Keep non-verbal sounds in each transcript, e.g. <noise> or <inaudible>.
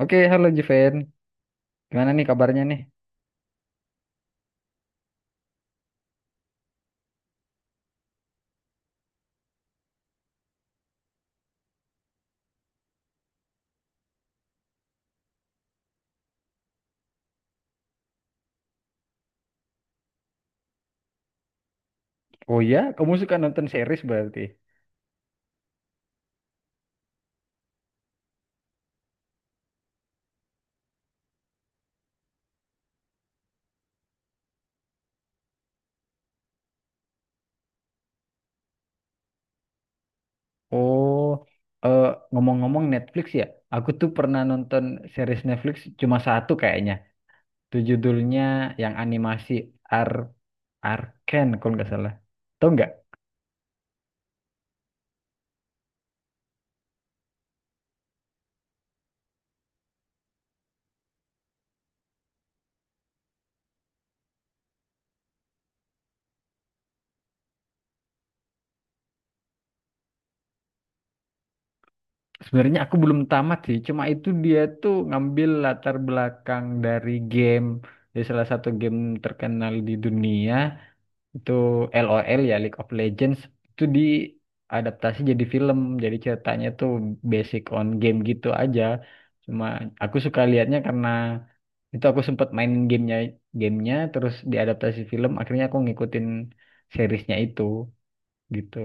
Oke, halo Juven. Gimana nih kabarnya nih? Oh ya, kamu suka nonton series berarti. Oh, eh, Ngomong-ngomong Netflix ya. Aku tuh pernah nonton series Netflix cuma satu kayaknya. Itu judulnya yang animasi Ar Arcane kalau nggak salah. Tahu nggak? Sebenarnya aku belum tamat sih. Cuma itu dia tuh ngambil latar belakang dari game, dari salah satu game terkenal di dunia. Itu LOL ya, League of Legends, itu diadaptasi jadi film, jadi ceritanya tuh basic on game gitu aja. Cuma aku suka lihatnya karena itu aku sempat mainin gamenya, gamenya terus diadaptasi film akhirnya aku ngikutin seriesnya itu gitu.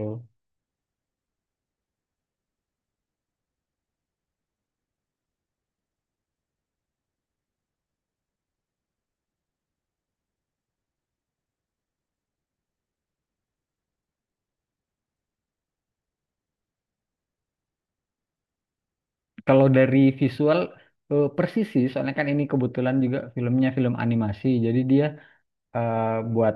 Kalau dari visual persis sih soalnya kan ini kebetulan juga filmnya film animasi jadi dia eh, buat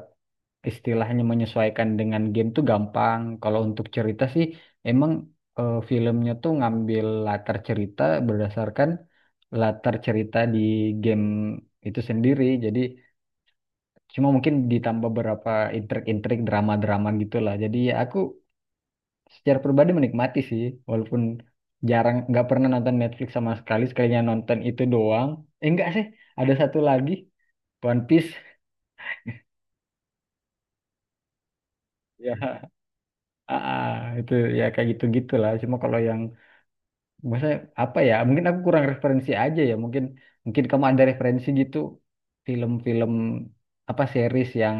istilahnya menyesuaikan dengan game tuh gampang. Kalau untuk cerita sih emang filmnya tuh ngambil latar cerita berdasarkan latar cerita di game itu sendiri. Jadi cuma mungkin ditambah beberapa intrik-intrik drama-drama gitulah. Jadi ya aku secara pribadi menikmati sih, walaupun jarang, nggak pernah nonton Netflix sama sekali, sekalinya nonton itu doang. Eh enggak sih, ada satu lagi, One Piece. Ya, Ah, ah, itu ya kayak gitu gitu lah. Cuma kalau yang maksudnya apa ya? Mungkin aku kurang referensi aja ya. Mungkin mungkin kamu ada referensi gitu, film-film apa series yang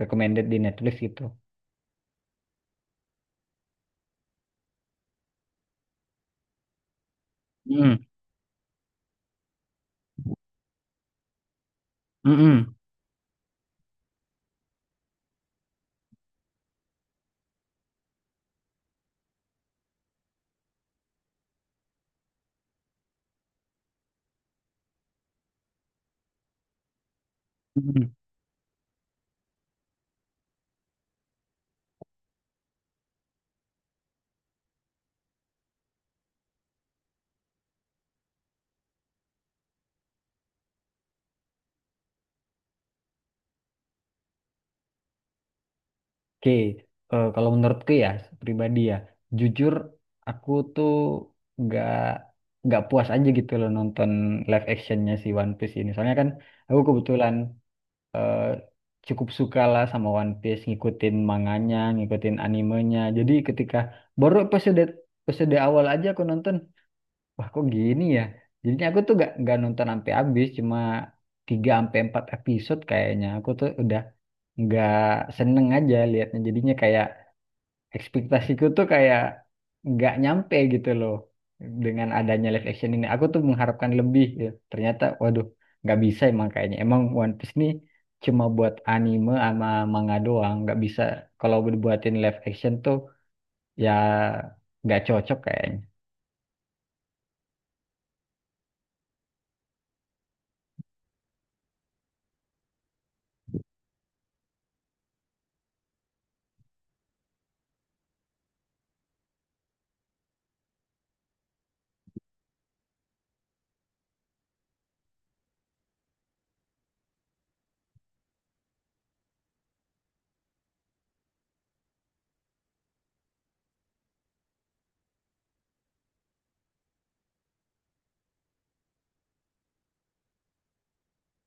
recommended di Netflix gitu. Hmm, mm-mm, mm-mm. Oke, kalau menurutku ya, pribadi ya, jujur aku tuh nggak nggak puas aja gitu loh nonton live actionnya si One Piece ini. Soalnya kan aku kebetulan eh, cukup suka lah sama One Piece, ngikutin manganya, ngikutin animenya. Jadi ketika baru episode episode awal aja aku nonton, wah kok gini ya? Jadinya aku tuh gak, nggak nonton sampai habis, cuma 3 sampai 4 episode kayaknya. Aku tuh udah nggak seneng aja liatnya. Jadinya kayak ekspektasiku tuh kayak nggak nyampe gitu loh dengan adanya live action ini. Aku tuh mengharapkan lebih. Gitu. Ternyata, waduh, nggak bisa emang kayaknya. Emang One Piece nih cuma buat anime sama manga doang. Nggak bisa kalau dibuatin live action tuh ya nggak cocok kayaknya.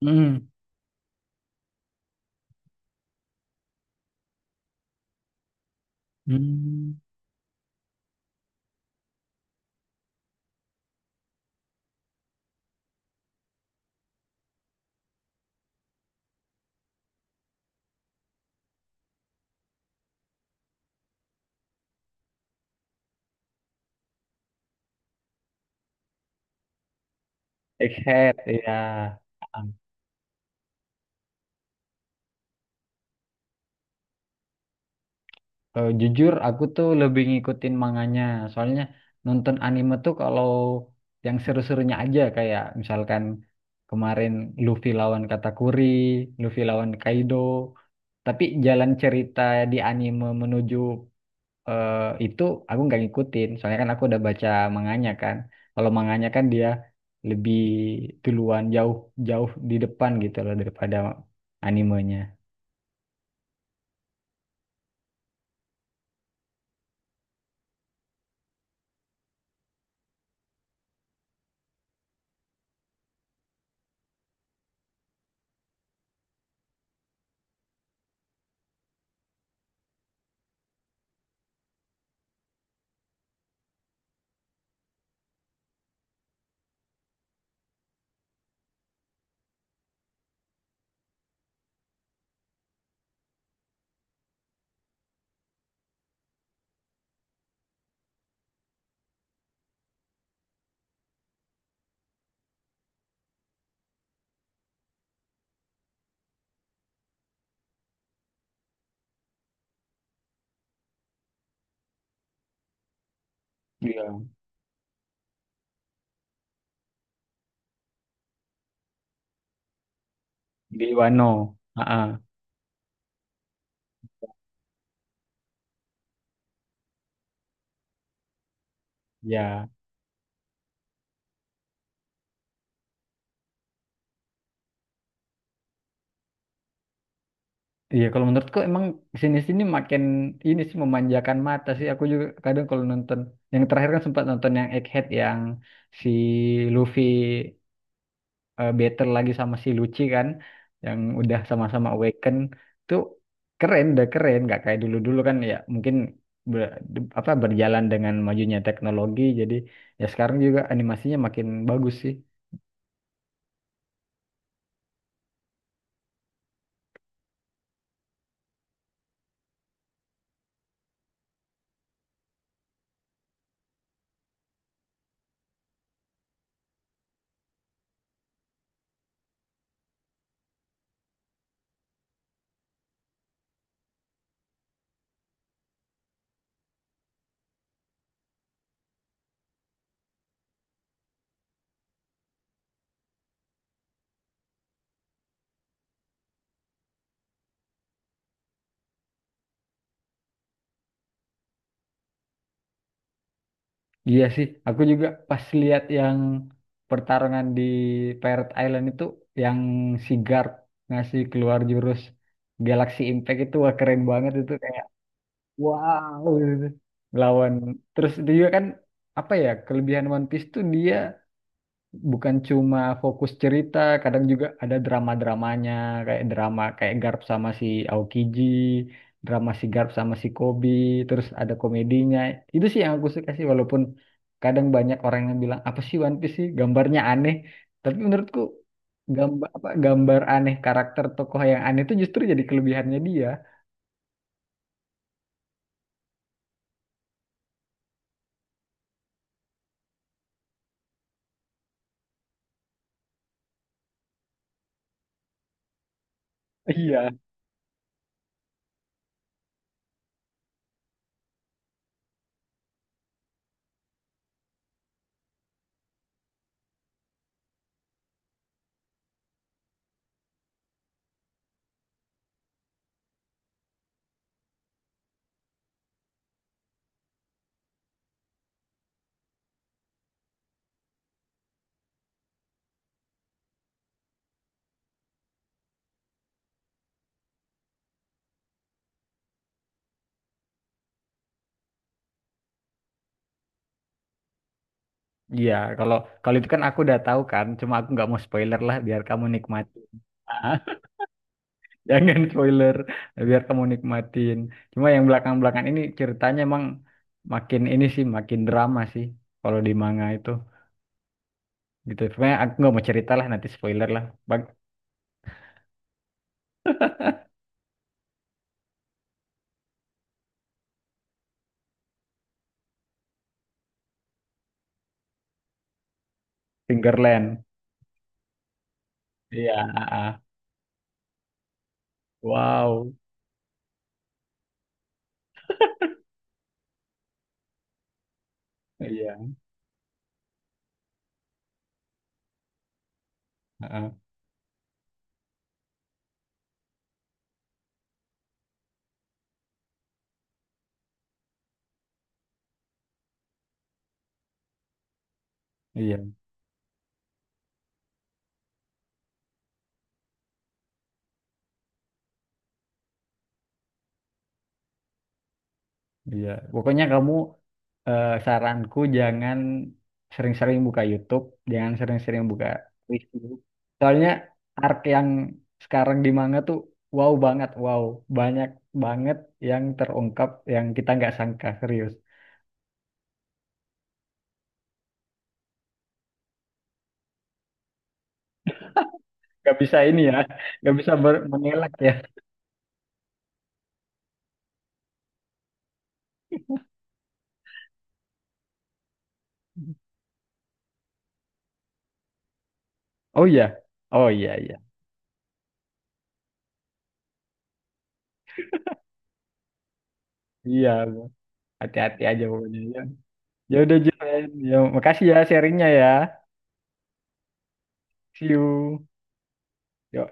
Hmm. Hmm. Egghead, ya. Jujur aku tuh lebih ngikutin manganya. Soalnya nonton anime tuh kalau yang seru-serunya aja kayak misalkan kemarin Luffy lawan Katakuri, Luffy lawan Kaido. Tapi jalan cerita di anime menuju eh, itu aku nggak ngikutin. Soalnya kan aku udah baca manganya kan. Kalau manganya kan dia lebih duluan jauh jauh di depan gitu loh daripada animenya. Iya. Di Wano. Heeh. Ya. Iya, kalau menurutku emang sini-sini makin ini sih memanjakan mata sih. Aku juga kadang kalau nonton yang terakhir kan sempat nonton yang Egghead yang si Luffy battle lagi sama si Lucci kan yang udah sama-sama awaken tuh keren, udah keren. Gak kayak dulu-dulu kan ya, mungkin ber- apa berjalan dengan majunya teknologi jadi ya sekarang juga animasinya makin bagus sih. Iya sih, aku juga pas lihat yang pertarungan di Pirate Island itu yang si guard ngasih keluar jurus Galaxy Impact itu wah keren banget itu kayak wow gitu. Lawan, terus itu juga kan apa ya kelebihan One Piece tuh dia bukan cuma fokus cerita, kadang juga ada drama-dramanya, kayak drama kayak Garp sama si Aokiji, drama si Garp sama si Kobi, terus ada komedinya. Itu sih yang aku suka sih, walaupun kadang banyak orang yang bilang, apa sih One Piece sih, gambarnya aneh. Tapi menurutku gambar, apa, gambar aneh karakter tokoh yang aneh itu justru jadi kelebihannya dia. Iya. Iya, kalau kalau itu kan aku udah tahu kan, cuma aku nggak mau spoiler lah biar kamu nikmati. <laughs> Jangan spoiler, biar kamu nikmatin. Cuma yang belakang-belakang ini ceritanya emang makin ini sih, makin drama sih. Kalau di manga itu gitu. Sebenarnya aku nggak mau cerita lah, nanti spoiler lah. Bag Fingerland. Iya, ah, ah. Wow. Iya, ah, ah. Iya. Iya, pokoknya kamu, saranku jangan sering-sering buka YouTube, jangan sering-sering buka Facebook. Soalnya arc yang sekarang di manga tuh wow banget, wow banyak banget yang terungkap yang kita nggak sangka, serius. Gak bisa ini ya, gak bisa mengelak ya. Oh iya, oh iya iya, iya hati-hati aja pokoknya ya. Ya udah Jiren, ya makasih ya sharingnya ya. See you. Yo.